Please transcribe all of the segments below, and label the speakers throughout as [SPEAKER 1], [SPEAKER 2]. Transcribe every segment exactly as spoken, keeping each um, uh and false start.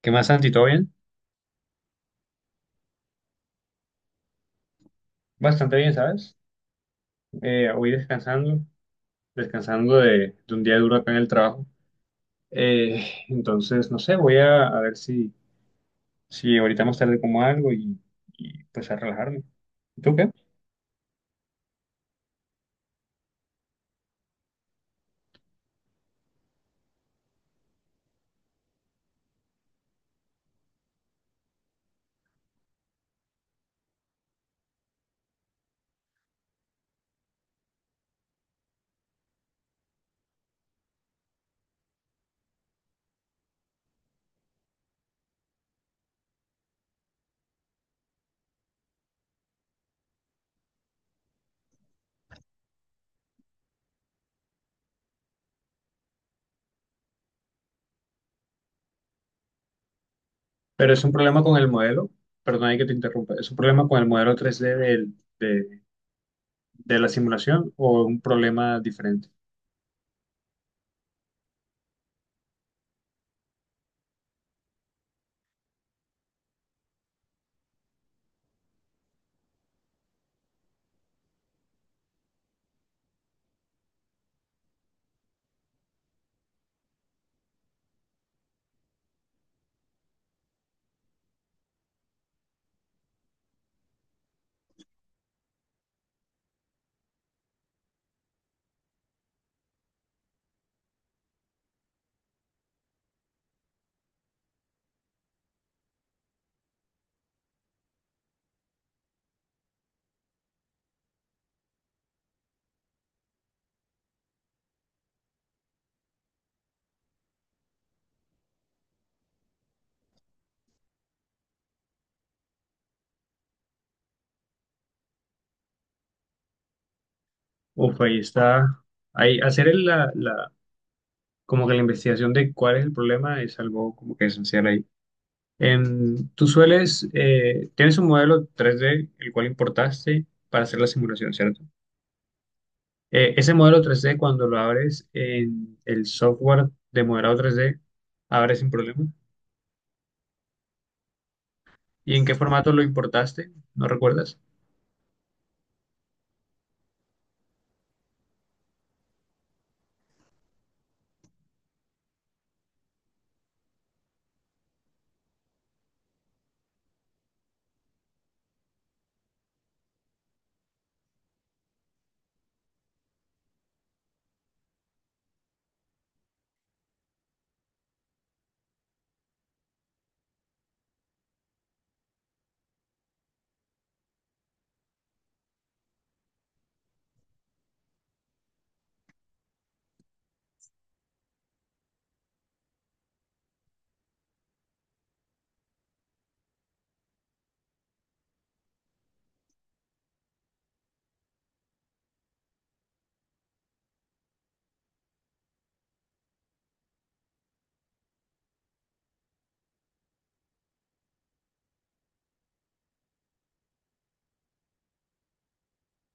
[SPEAKER 1] ¿Qué más, Santi? ¿Todo bien? Bastante bien, ¿sabes? Eh, hoy descansando, descansando de, de un día duro acá en el trabajo. Eh, entonces, no sé, voy a, a ver si, si ahorita más tarde como algo y, y, pues a relajarme. ¿Y ¿Tú qué? Pero es un problema con el modelo, perdón, hay que te interrumpa, ¿es un problema con el modelo tres d del- de, de la simulación o un problema diferente? Uf, ahí está. Ahí, hacer el- la, la, como que la investigación de cuál es el problema es algo como que esencial ahí. Em, tú sueles, eh, tienes un modelo tres D, el cual importaste para hacer la simulación, ¿cierto? Eh, ese modelo tres D, cuando lo abres en el software de modelado tres D, abre sin problema. ¿Y en qué formato lo importaste? ¿No recuerdas?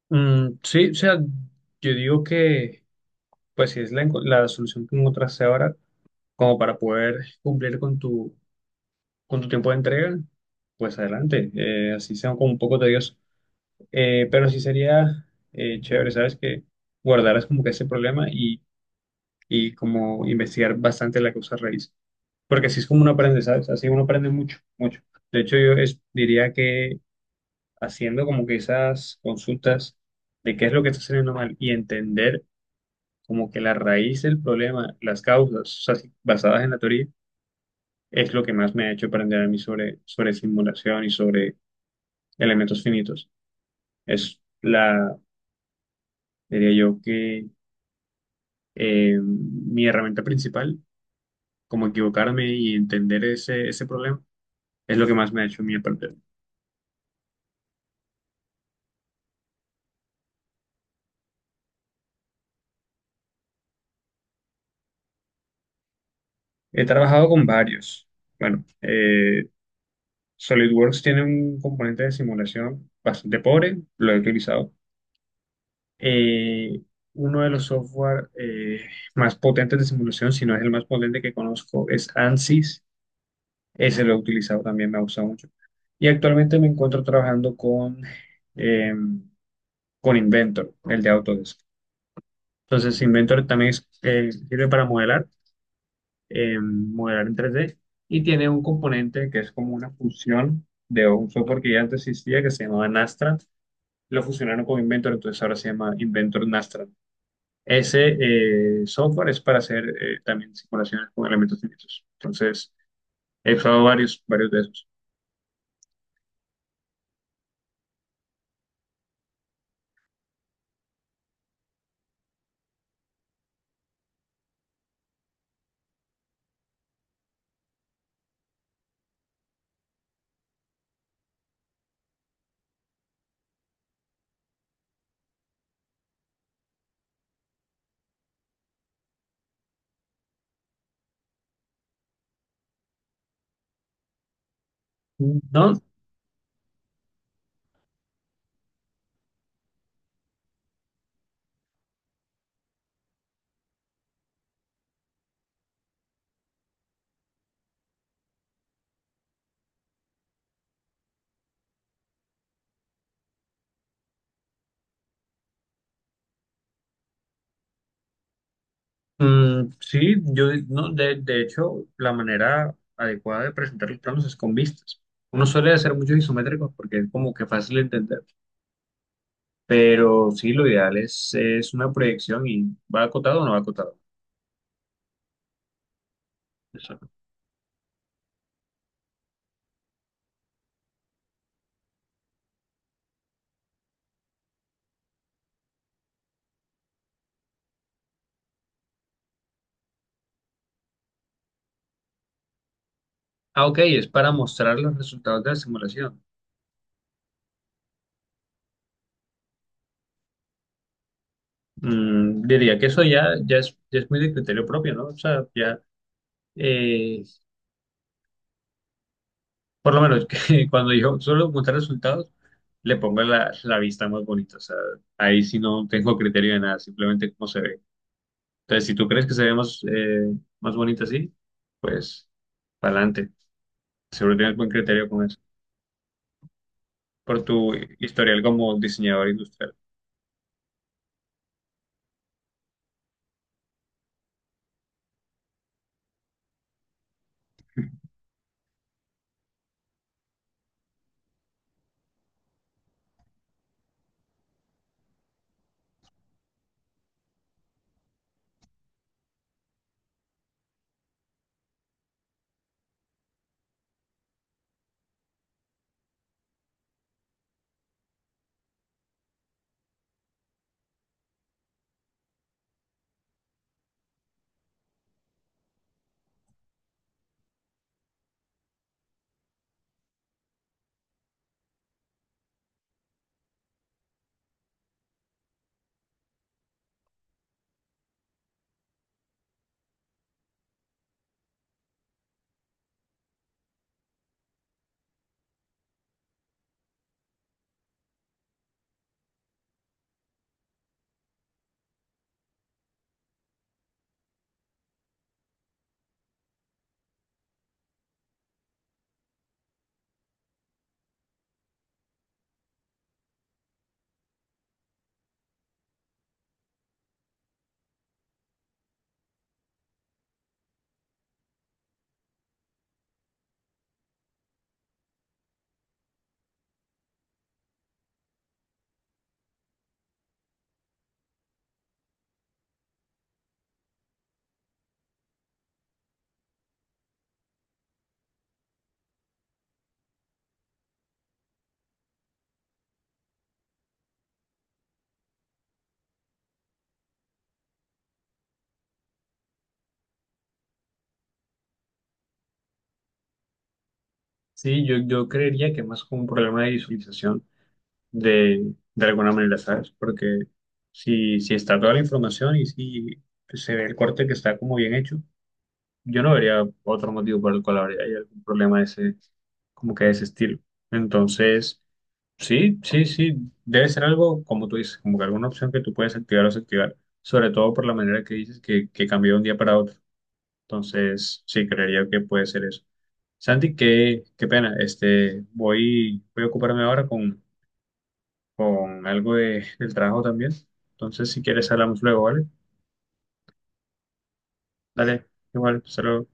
[SPEAKER 1] Mm, sí, o sea, yo digo que, pues si es la, enco- la solución que encontraste ahora, como para poder cumplir con tu, con tu tiempo de entrega, pues adelante. Eh, así sea como un poco tedioso. Eh, pero sí sería eh, chévere, ¿sabes? Que guardaras como que ese problema y, y como investigar bastante la causa raíz. Porque así es como uno aprende, ¿sabes? Así uno aprende mucho, mucho. De hecho, yo es- diría que haciendo como que esas consultas de qué es lo que está saliendo mal y entender como que la raíz del problema, las causas, o sea, si- basadas en la teoría, es lo que más me ha hecho aprender a mí sobre, sobre simulación y sobre elementos finitos. Es la, diría yo que eh, mi herramienta principal, como equivocarme y entender ese, ese problema, es lo que más me ha hecho a mí aprender. He trabajado con varios. Bueno, eh, SolidWorks tiene un componente de simulación bastante pobre, lo he utilizado. Eh, Uno de los software eh, más potentes de simulación, si no es el más potente que conozco, es ANSYS. Ese lo he utilizado también, me ha gustado mucho. Y actualmente me encuentro trabajando con, eh, con Inventor, el de Autodesk. Entonces, Inventor también es- eh, sirve para modelar, eh, modelar en tres D y tiene un componente que es como una fusión de un software que ya antes existía que se llamaba Nastra. Lo fusionaron con Inventor, entonces ahora se llama Inventor Nastra. Ese eh, software es para hacer eh, también simulaciones con elementos finitos. Entonces, he usado varios, varios de esos. No. Mm, sí, yo no, de, de hecho, la manera adecuada de presentar los planos es con vistas. Uno suele hacer muchos isométricos porque es como que fácil de entender, pero sí, lo ideal es, es una proyección y va acotado o no va acotado. Eso. Ah, ok, es para mostrar los resultados de la simulación. Mm, diría que eso ya, ya es, ya es muy de criterio propio, ¿no? O sea, ya, eh, Por lo menos que cuando yo suelo montar resultados, le pongo la, la vista más bonita. O sea, ahí sí no tengo criterio de nada, simplemente cómo se ve. Entonces, si tú crees que se ve más, eh, más bonita así, pues para adelante. Seguro tienes buen criterio con eso. Por tu historial como diseñador industrial. Sí, yo, yo creería que más como un problema de visualización de, de alguna manera, ¿sabes? Porque si, si está toda la información y si se ve el corte que está como bien hecho, yo no vería otro motivo por el cual habría hay algún problema de ese, como que de ese estilo. Entonces, sí, sí, sí, debe ser algo, como tú dices, como que alguna opción que tú puedes activar o desactivar, sobre todo por la manera que dices que, que cambió de un día para otro. Entonces, sí, creería que puede ser eso. Santi, qué, qué pena, este, voy, voy a ocuparme ahora con, con algo de, del trabajo también. Entonces, si quieres, hablamos luego, ¿vale? Dale, igual, saludos.